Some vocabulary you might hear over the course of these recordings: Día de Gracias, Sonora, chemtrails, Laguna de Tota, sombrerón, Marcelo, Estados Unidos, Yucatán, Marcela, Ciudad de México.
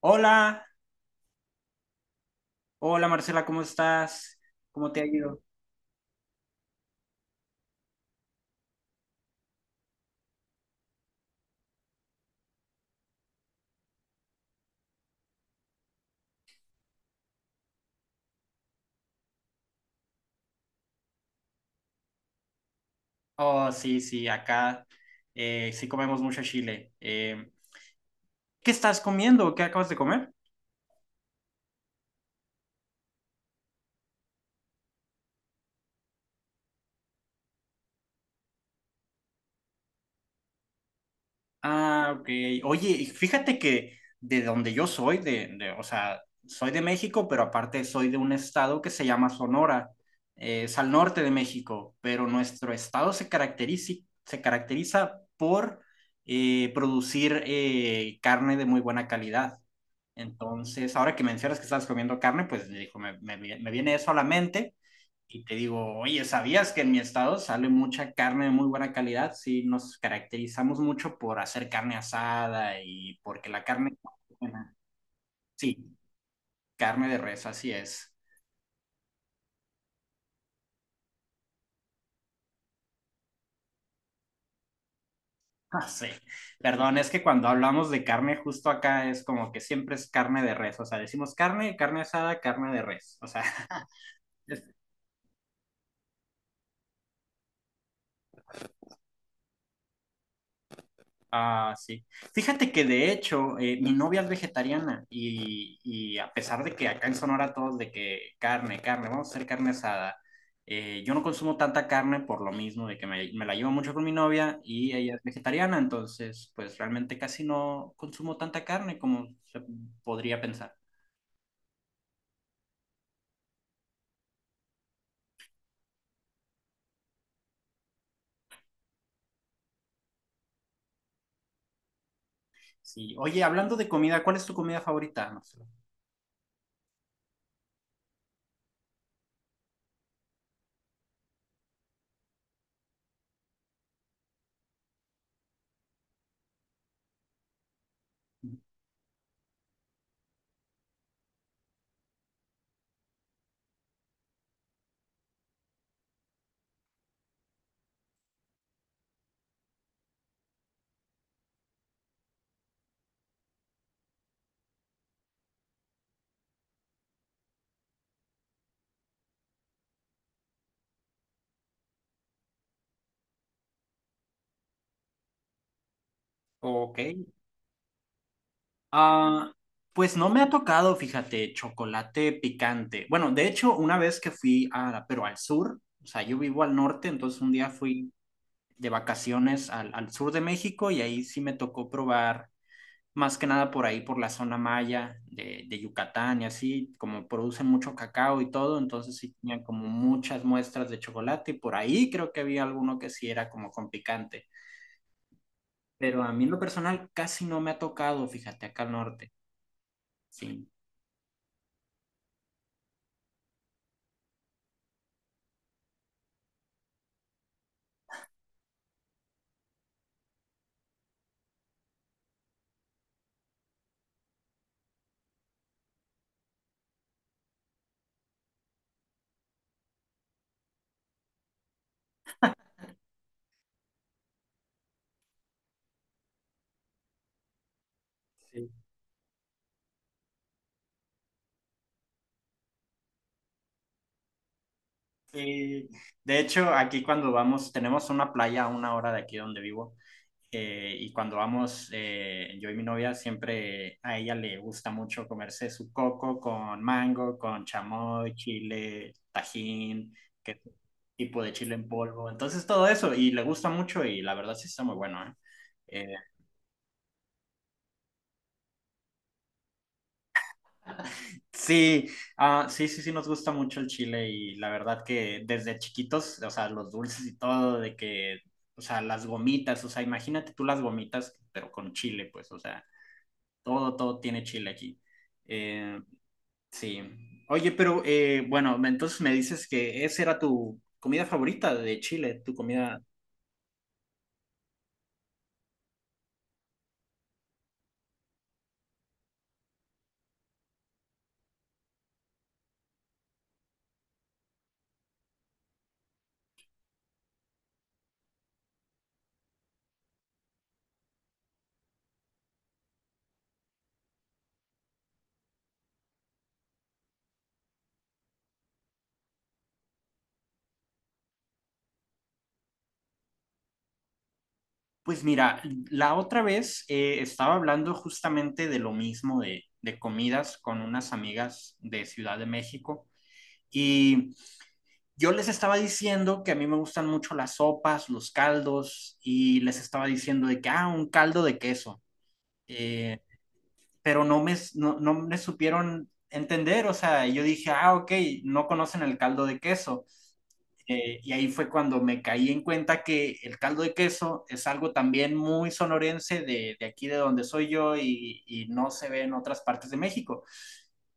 Hola, hola Marcela, ¿cómo estás? ¿Cómo te ha ido? Oh, sí, sí, acá sí comemos mucho chile. ¿Qué estás comiendo? ¿Qué acabas de comer? Ah, ok. Oye, y fíjate que de donde yo soy, o sea, soy de México, pero aparte soy de un estado que se llama Sonora. Es al norte de México, pero nuestro estado se caracteriza por producir carne de muy buena calidad. Entonces, ahora que mencionas que estabas comiendo carne, pues dijo, me viene eso a la mente y te digo, oye, ¿sabías que en mi estado sale mucha carne de muy buena calidad? Sí, nos caracterizamos mucho por hacer carne asada y porque la carne... Sí, carne de res, así es. Ah, sí. Perdón, es que cuando hablamos de carne justo acá es como que siempre es carne de res, o sea, decimos carne, carne asada, carne de res, o sea, Ah, sí. Fíjate que de hecho, mi novia es vegetariana y a pesar de que acá en Sonora todos de que carne, carne, vamos a hacer carne asada, yo no consumo tanta carne por lo mismo de que me la llevo mucho con mi novia y ella es vegetariana, entonces pues realmente casi no consumo tanta carne como se podría pensar. Sí. Oye, hablando de comida, ¿cuál es tu comida favorita, Marcelo? Ok, ah, pues no me ha tocado, fíjate, chocolate picante. Bueno, de hecho, una vez que fui a, pero al sur, o sea, yo vivo al norte, entonces un día fui de vacaciones al, al sur de México y ahí sí me tocó probar, más que nada por ahí, por la zona maya de Yucatán y así, como producen mucho cacao y todo, entonces sí tenían como muchas muestras de chocolate y por ahí creo que había alguno que sí era como con picante. Pero a mí en lo personal casi no me ha tocado, fíjate, acá al norte. Sí. Sí, de hecho, aquí cuando vamos, tenemos una playa a una hora de aquí donde vivo. Y cuando vamos, yo y mi novia, siempre a ella le gusta mucho comerse su coco con mango, con chamoy, chile, tajín, que tipo de chile en polvo. Entonces todo eso, y le gusta mucho y la verdad sí está muy bueno, ¿eh? Eh, Sí, ah, sí, sí, sí, nos gusta mucho el chile y la verdad que desde chiquitos, o sea, los dulces y todo, de que, o sea, las gomitas, o sea, imagínate tú las gomitas, pero con chile, pues, o sea, todo, todo tiene chile aquí. Eh, sí. Oye, pero bueno, entonces me dices que esa era tu comida favorita de Chile, tu comida. Pues mira, la otra vez estaba hablando justamente de lo mismo de comidas con unas amigas de Ciudad de México. Y yo les estaba diciendo que a mí me gustan mucho las sopas, los caldos, y les estaba diciendo de que, ah, un caldo de queso. Eh, pero no me, no, no me supieron entender, o sea, yo dije, ah, ok, no conocen el caldo de queso. Y ahí fue cuando me caí en cuenta que el caldo de queso es algo también muy sonorense de aquí de donde soy yo y no se ve en otras partes de México,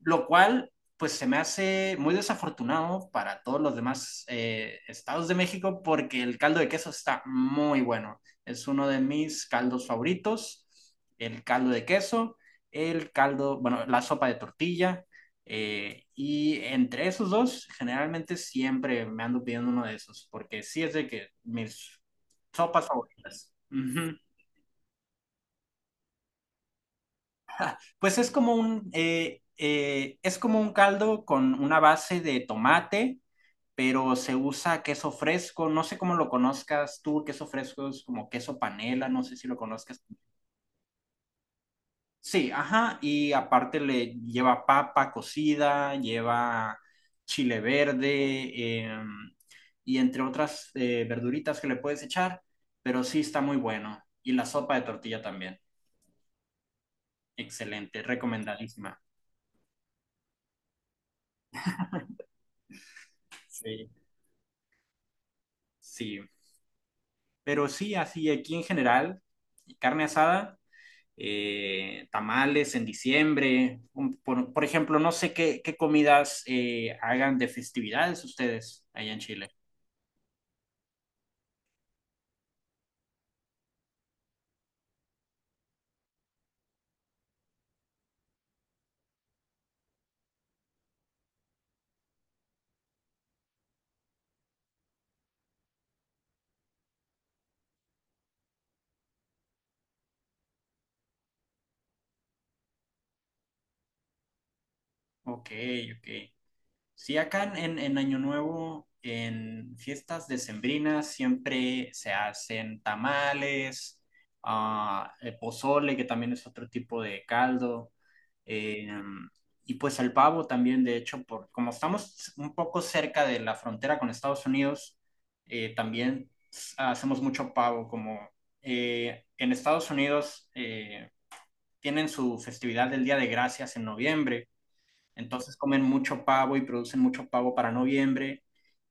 lo cual pues se me hace muy desafortunado para todos los demás estados de México porque el caldo de queso está muy bueno. Es uno de mis caldos favoritos, el caldo de queso, el caldo, bueno, la sopa de tortilla. Y entre esos dos, generalmente siempre me ando pidiendo uno de esos porque sí es de que mis sopas favoritas. Ujú. Pues es como un caldo con una base de tomate, pero se usa queso fresco, no sé cómo lo conozcas tú, queso fresco es como queso panela, no sé si lo conozcas. Sí, ajá, y aparte le lleva papa cocida, lleva chile verde, eh, y entre otras verduritas que le puedes echar, pero sí está muy bueno. Y la sopa de tortilla también, excelente, recomendadísima. Sí, sí, pero sí, así aquí en general, carne asada, tamales en diciembre. Por ejemplo, no sé qué, qué comidas hagan de festividades ustedes allá en Chile. Ok, ok. Sí, acá en, en Año Nuevo, en fiestas decembrinas, siempre se hacen tamales, ah, pozole, que también es otro tipo de caldo, eh, y pues el pavo también, de hecho, por, como estamos un poco cerca de la frontera con Estados Unidos, también hacemos mucho pavo, como en Estados Unidos tienen su festividad del Día de Gracias en noviembre, entonces comen mucho pavo y producen mucho pavo para noviembre.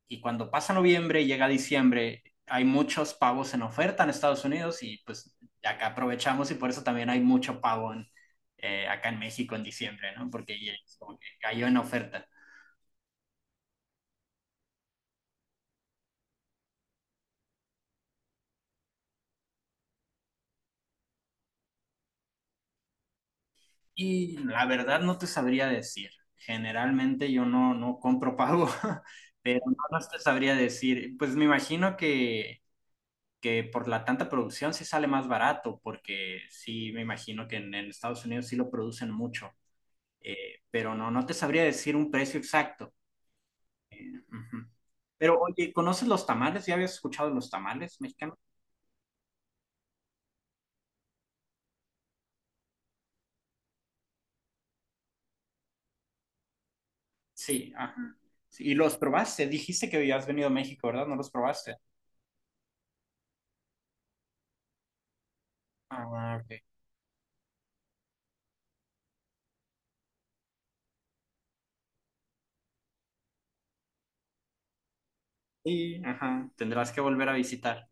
Y cuando pasa noviembre y llega diciembre, hay muchos pavos en oferta en Estados Unidos y pues acá aprovechamos y por eso también hay mucho pavo en, acá en México en diciembre, ¿no? Porque como que cayó en oferta. Y la verdad no te sabría decir. Generalmente yo no, no compro pavo, pero no, no te sabría decir. Pues me imagino que por la tanta producción sí sale más barato, porque sí me imagino que en Estados Unidos sí lo producen mucho, pero no, no te sabría decir un precio exacto. Ujú. Pero oye, ¿conoces los tamales? ¿Ya habías escuchado los tamales mexicanos? Sí, ajá. Sí, y los probaste, dijiste que habías venido a México, ¿verdad? ¿No los probaste? Ah, ok. Sí, ajá, tendrás que volver a visitar.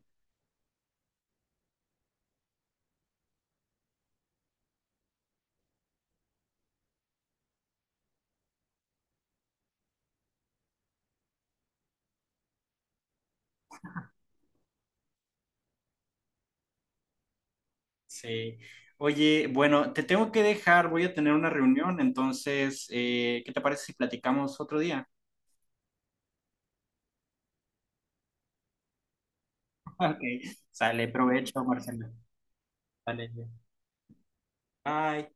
Sí. Oye, bueno, te tengo que dejar, voy a tener una reunión, entonces, ¿qué te parece si platicamos otro día? Ok, sale provecho, Marcelo. Sale, bye.